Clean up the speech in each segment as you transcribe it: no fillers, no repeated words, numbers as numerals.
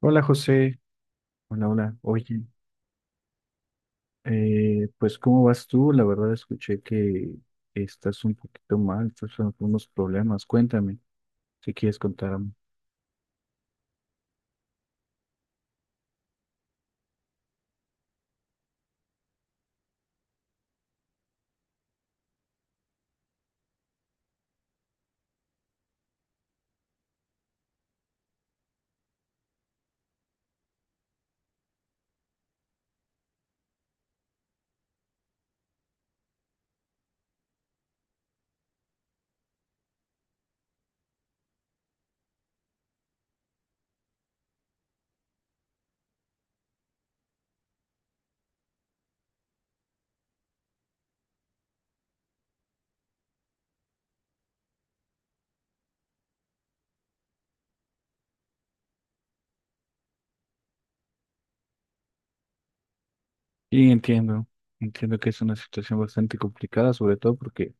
Hola José, hola. Oye, pues, ¿cómo vas tú? La verdad escuché que estás un poquito mal, estás con unos problemas. Cuéntame, si quieres contarme. Y entiendo, entiendo que es una situación bastante complicada, sobre todo porque,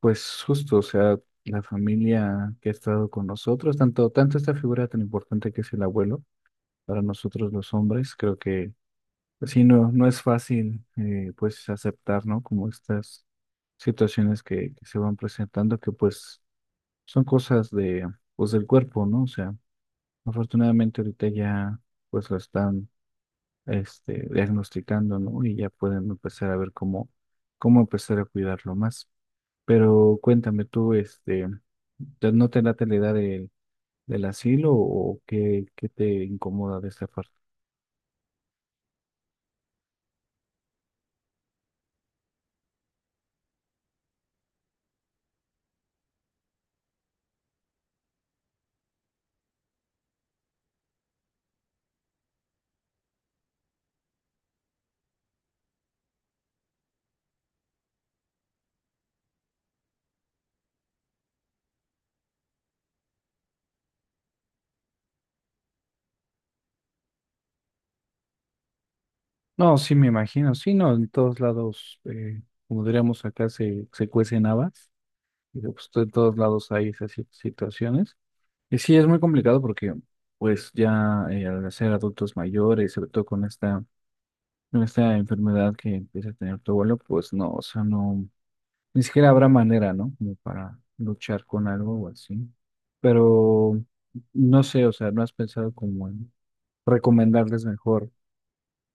pues justo, o sea, la familia que ha estado con nosotros, tanto, tanto esta figura tan importante que es el abuelo, para nosotros los hombres, creo que pues sí, no, no es fácil, pues, aceptar, ¿no? Como estas situaciones que se van presentando, que pues son cosas de, pues, del cuerpo, ¿no? O sea, afortunadamente ahorita ya, pues, lo están, este, diagnosticando, ¿no? Y ya pueden empezar a ver cómo, cómo empezar a cuidarlo más. Pero cuéntame tú, este, ¿no te late la idea del asilo o qué, qué te incomoda de esta parte? No, sí me imagino, sí, no, en todos lados, como diríamos acá, se cuecen habas, y pues, en todos lados hay esas situaciones. Y sí, es muy complicado porque pues ya al ser adultos mayores, sobre todo con esta enfermedad que empieza a tener tu abuelo, pues no, o sea, no, ni siquiera habrá manera, ¿no? Como para luchar con algo o así. Pero no sé, o sea, ¿no has pensado como en recomendarles mejor?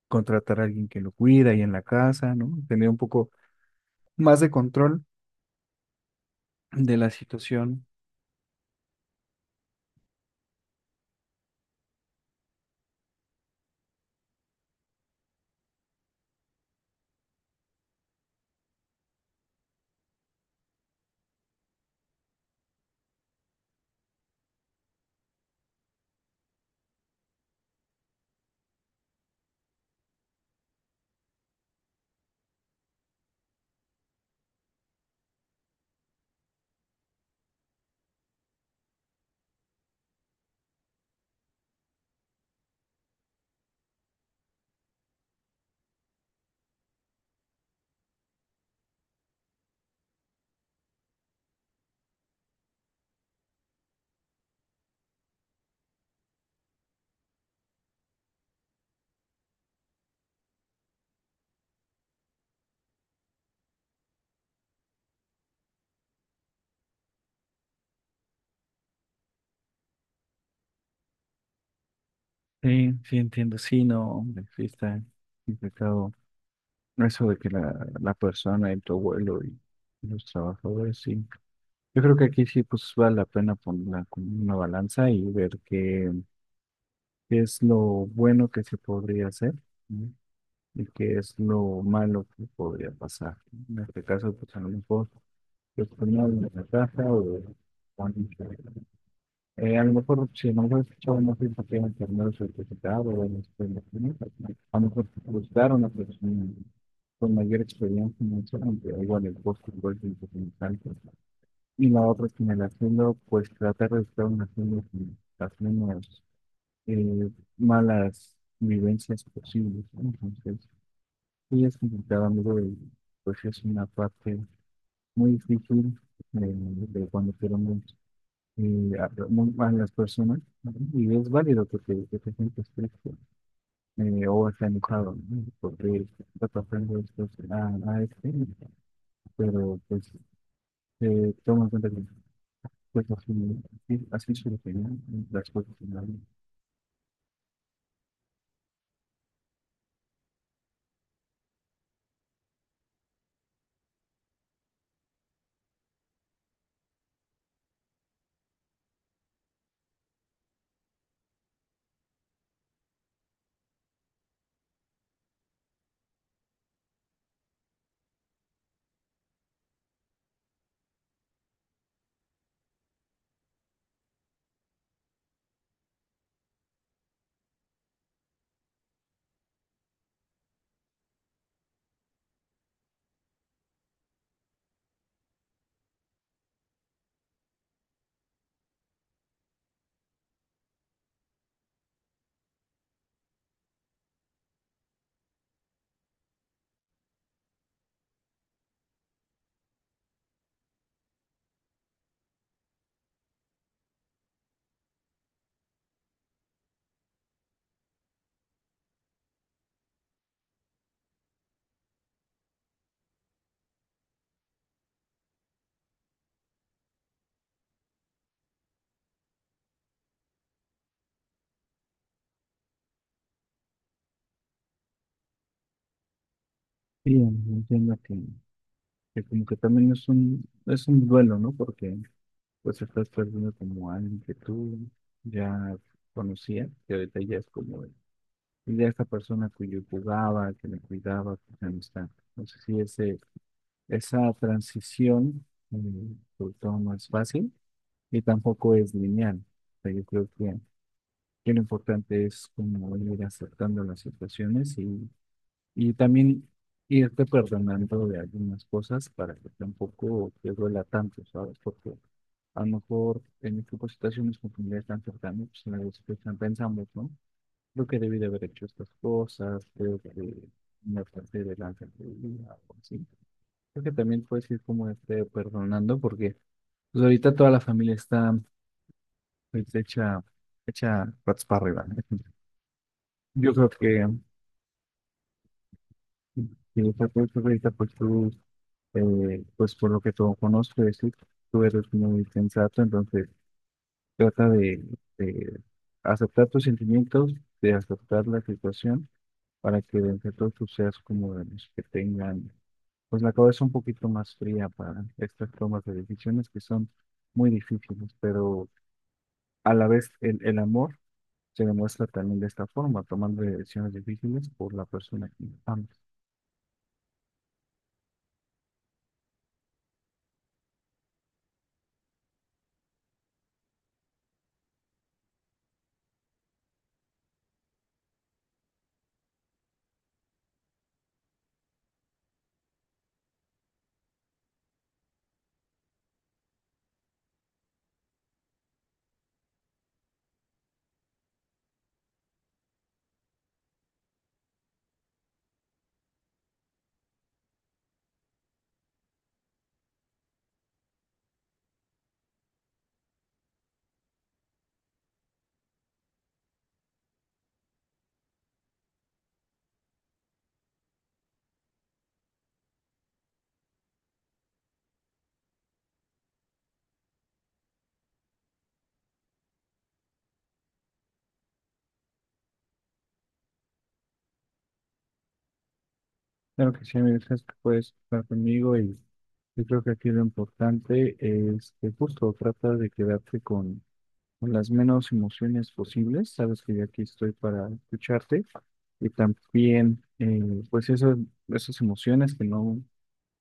Contratar a alguien que lo cuida ahí en la casa, ¿no? Tener un poco más de control de la situación. Sí, sí, entiendo. Sí, no, hombre, sí está complicado. Eso de que la persona y tu abuelo y los trabajadores, sí. Yo creo que aquí sí, pues vale la pena ponerla como una balanza y ver qué, qué es lo bueno que se podría hacer, ¿no? Y qué es lo malo que podría pasar. En este caso, pues a lo mejor, yo ponía en la casa o alguien que- a lo mejor, si no lo he escuchado, no sé si tienen terminado el certificado o en a lo mejor buscar una persona con mayor experiencia financiera, aunque igual el costo igual es importante. Y la otra es que en el haciendo, pues tratar de estar un haciendo con las menos eh, malas vivencias posibles, ¿no? Entonces, sí es complicado, amigo, y pues es una parte muy difícil, de cuando tenemos y a, a las personas, ¿no? Y es válido que que te sientas triste, o estés enojado, ¿no? Porque está pasando esto a este, pero pues, toma en cuenta que pues, así, así solucionan las cosas en la vida. Sí, entiendo que como que también es un duelo, ¿no? Porque pues estás perdiendo como a alguien que tú ya conocías, que ahorita ya es como y de esta persona cuyo jugaba, que le cuidaba, que ya no está. Entonces, sí, ese, esa transición, eh, sobre todo no es fácil y tampoco es lineal. O sea, yo creo que lo importante es como ir aceptando las situaciones y también irte perdonando de algunas cosas para que tampoco te duela tanto, ¿sabes? Porque a lo mejor en este tipo de situaciones con familiares tan cercanas, pues a veces pues, pensamos, ¿no? Creo que debí de haber hecho estas cosas, creo que me pasé de lanza en algo así. Creo que también puedes ir como este perdonando, porque pues ahorita toda la familia está pues, hecha, hecha patas para arriba, ¿no? Yo creo que si está pues ahorita pues tú, pues por lo que tú conozco, es decir, tú eres muy sensato, entonces trata de aceptar tus sentimientos, de aceptar la situación para que de entre todos tú seas como de los que tengan, pues la cabeza un poquito más fría para estas tomas de decisiones que son muy difíciles, pero a la vez el amor se demuestra también de esta forma, tomando decisiones difíciles por la persona que amas. Claro que sí, amigo, sabes que puedes estar conmigo y yo creo que aquí lo importante es que justo trata de quedarte con las menos emociones posibles. Sabes que yo aquí estoy para escucharte y también, pues, eso, esas emociones que no,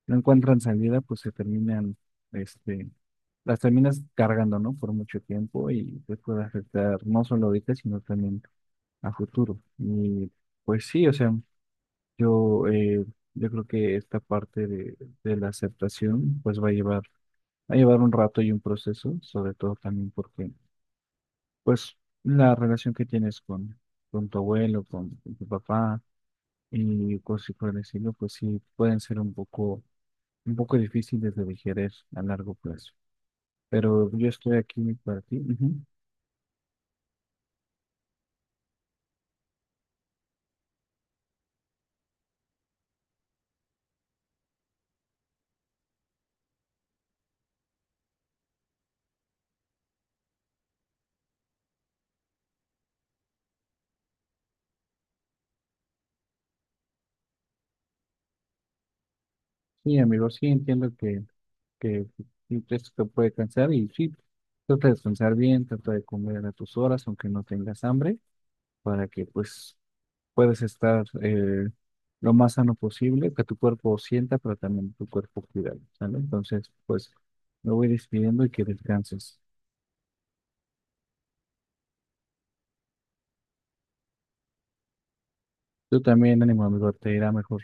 no encuentran salida, pues se terminan, este, las terminas cargando, ¿no? Por mucho tiempo y te puede afectar no solo ahorita, sino también a futuro. Y pues sí, o sea, yo, yo creo que esta parte de la aceptación, pues va a llevar un rato y un proceso, sobre todo también porque pues la relación que tienes con tu abuelo, con tu papá y cosas por el estilo, pues sí pueden ser un poco difíciles de digerir a largo plazo. Pero yo estoy aquí para ti. Ujú. Sí, amigo, sí entiendo que sí, esto te puede cansar y sí, trata de descansar bien, trata de comer a tus horas, aunque no tengas hambre, para que pues puedes estar lo más sano posible, que tu cuerpo sienta, pero también tu cuerpo cuida, ¿sale? Entonces, pues me voy despidiendo y que descanses. Tú también, ánimo amigo, te irá mejor.